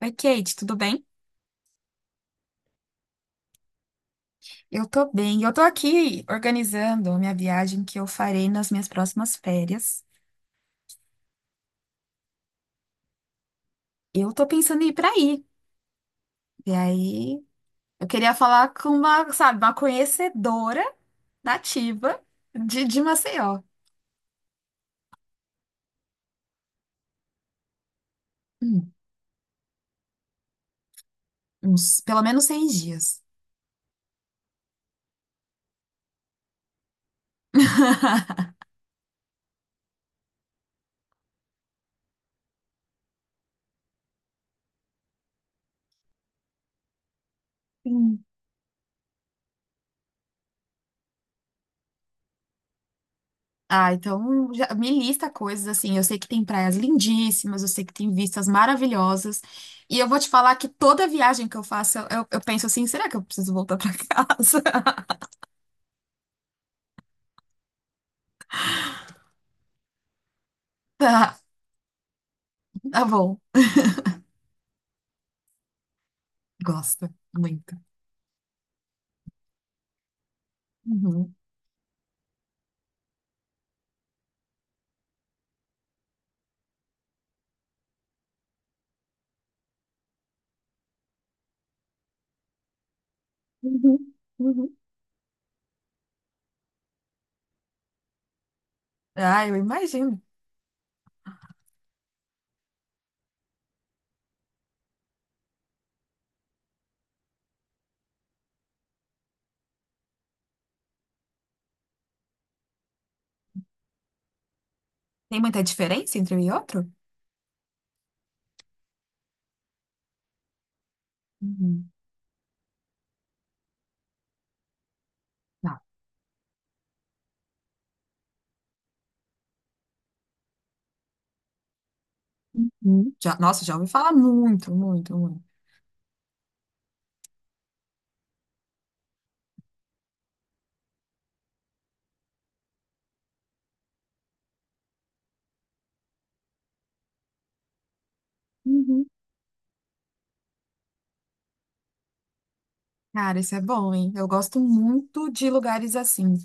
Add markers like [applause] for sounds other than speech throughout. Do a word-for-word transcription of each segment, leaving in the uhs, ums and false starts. Oi, Kate, tudo bem? Eu tô bem. Eu tô aqui organizando a minha viagem que eu farei nas minhas próximas férias. Eu tô pensando em ir pra aí. E aí, eu queria falar com uma, sabe, uma conhecedora nativa de, de Maceió. Hum, uns, pelo menos seis dias. Sim. Ah, então já me lista coisas assim. Eu sei que tem praias lindíssimas, eu sei que tem vistas maravilhosas. E eu vou te falar que toda viagem que eu faço, eu, eu penso assim: será que eu preciso voltar pra [laughs] casa? [laughs] Tá, tá bom. Gosta muito. Uhum, uhum, uhum. Ah, eu imagino. Tem muita diferença entre um e outro? Uhum. Tá. Uhum. Já, nossa, já ouvi falar muito, muito, muito. Uhum. Cara, isso é bom, hein? Eu gosto muito de lugares assim.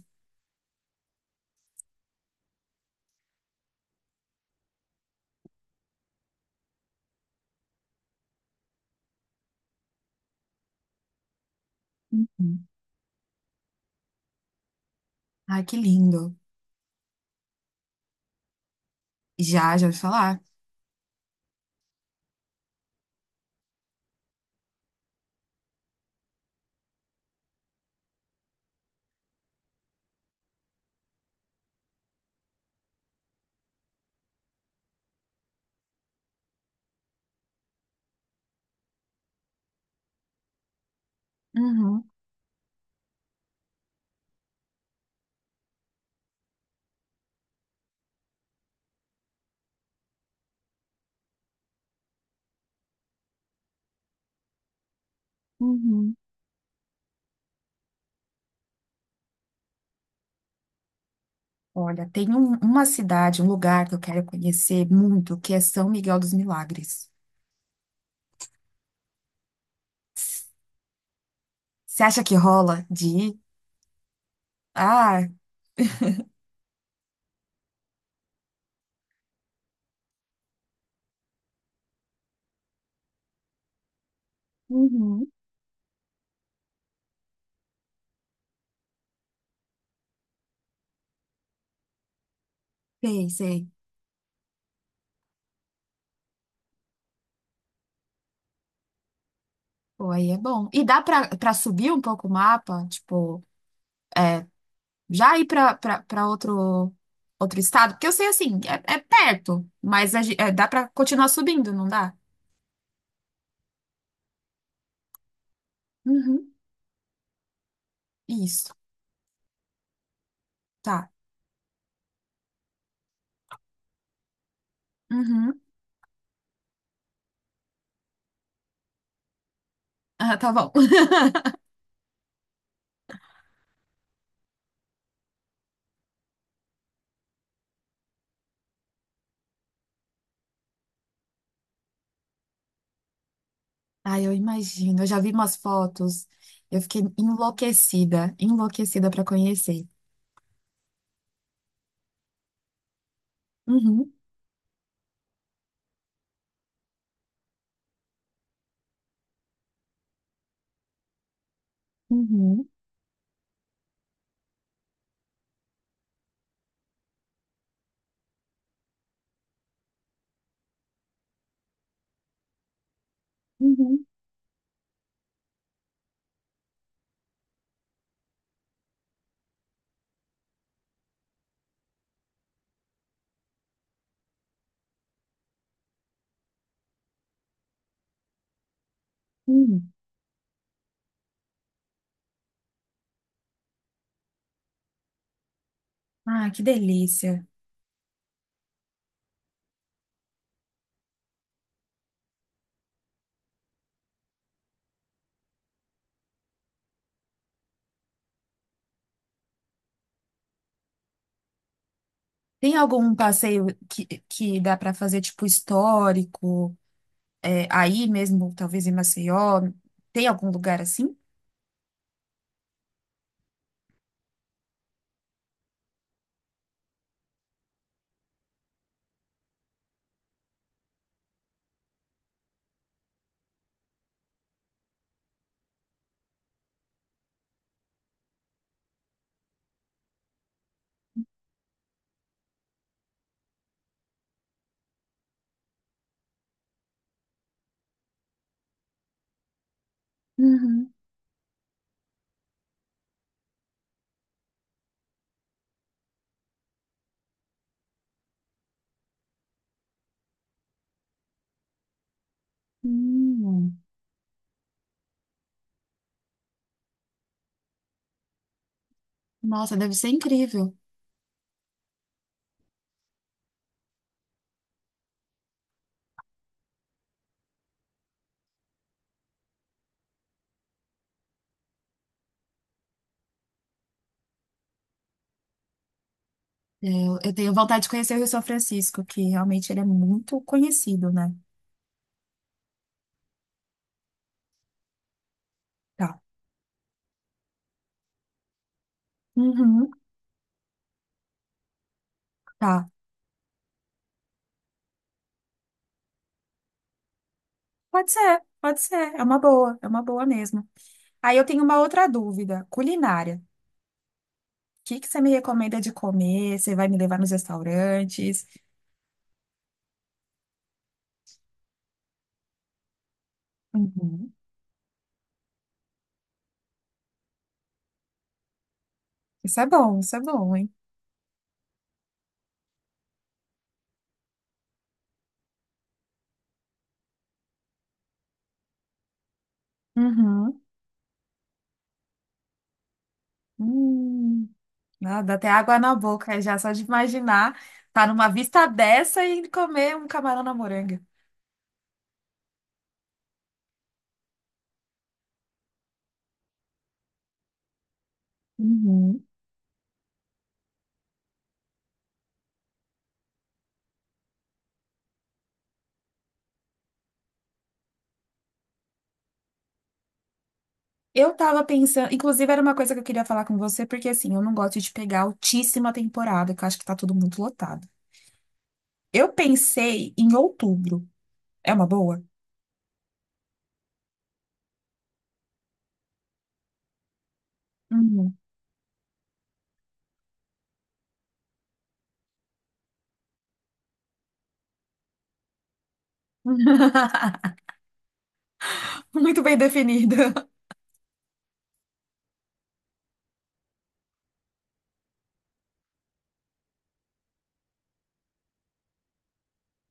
Uhum. Ai, que lindo. Já, já ouvi falar? Uhum, uhum. Olha, tem um- uma cidade, um lugar que eu quero conhecer muito, que é São Miguel dos Milagres. Você acha que rola de ir? Ah, uhum. Sei, sei. Pô, aí é bom. E dá pra, pra subir um pouco o mapa? Tipo, é, já ir pra, pra, pra outro, outro estado? Porque eu sei assim, é, é perto, mas a gen- é, dá pra continuar subindo, não dá? Uhum. Isso, tá. Uhum. Ah, tá bom. [laughs] Ai, eu imagino. Eu já vi umas fotos. Eu fiquei enlouquecida, enlouquecida pra conhecer. Uhum, uhum, uhum, uhum. Ah, que delícia. Tem algum passeio que, que dá para fazer, tipo, histórico, é, aí mesmo, talvez em Maceió? Tem algum lugar assim? Uhum. Hum, nossa, deve ser incrível. É, Eu, eu tenho vontade de conhecer o Rio São Francisco, que realmente ele é muito conhecido, né? Tá. Uhum, tá. Pode ser, pode ser. É uma boa, é uma boa mesmo. Aí eu tenho uma outra dúvida, culinária. O que que você me recomenda de comer? Você vai me levar nos restaurantes? Uhum. Isso é bom, isso é bom, hein? Uhum. Hum. Não, dá até água na boca já, só de imaginar tá numa vista dessa e comer um camarão na moranga. Uhum. Eu tava pensando, inclusive era uma coisa que eu queria falar com você, porque assim, eu não gosto de pegar altíssima temporada, que eu acho que tá tudo muito lotado. Eu pensei em outubro. É uma boa? Uhum. [laughs] Muito bem definido.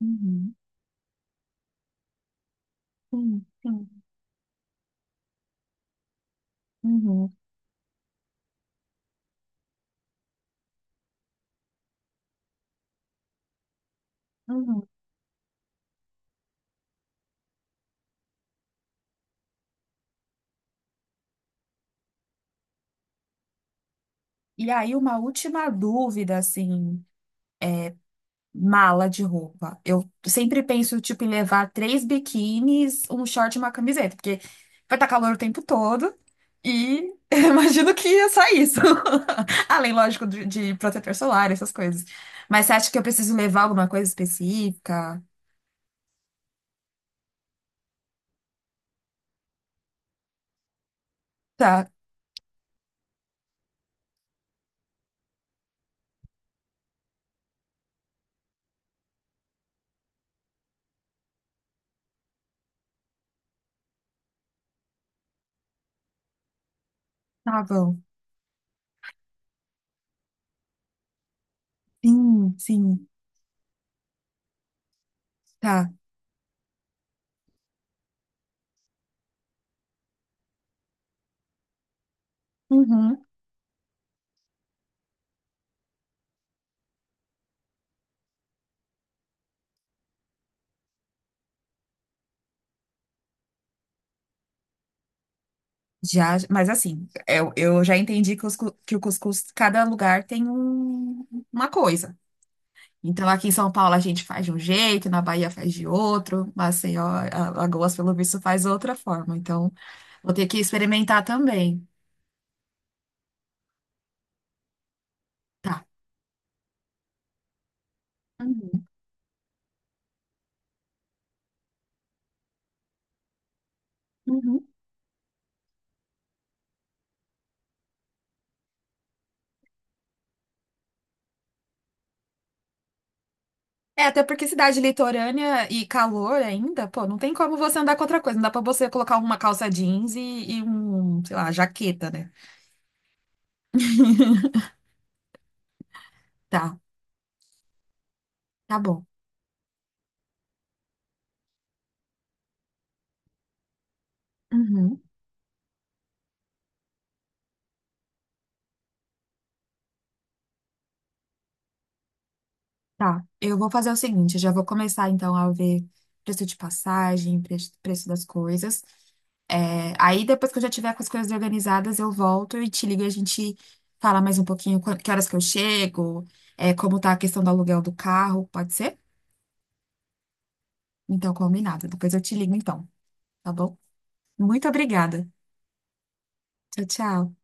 Uhum. Uhum. Uhum. Uhum. E aí, uma última dúvida, assim. Mala de roupa. Eu sempre penso, tipo, em levar três biquínis, um short e uma camiseta, porque vai estar calor o tempo todo e [laughs] eu imagino que é só isso. [laughs] Além, lógico, de, de protetor solar, essas coisas. Mas você acha que eu preciso levar alguma coisa específica? Tá, tá bom. Sim, sim, tá. Uhum. Já, mas assim, eu, eu já entendi que, os cu- que o cuscuz, cada lugar tem um- uma coisa. Então, aqui em São Paulo a gente faz de um jeito, na Bahia faz de outro, Maceió, a- Alagoas, pelo visto, faz outra forma. Então, vou ter que experimentar também. Tá. Uhum, uhum. É, até porque cidade litorânea e calor ainda, pô, não tem como você andar com outra coisa. Não dá pra você colocar uma calça jeans e, e um, sei lá, jaqueta, né? Tá, tá bom. Uhum. Tá, eu vou fazer o seguinte, eu já vou começar então a ver preço de passagem, pre- preço das coisas. É, aí depois que eu já tiver com as coisas organizadas, eu volto e te ligo e a gente fala mais um pouquinho quan- que horas que eu chego, é, como tá a questão do aluguel do carro, pode ser? Então, combinado. Depois eu te ligo então, tá bom? Muito obrigada. Tchau, tchau.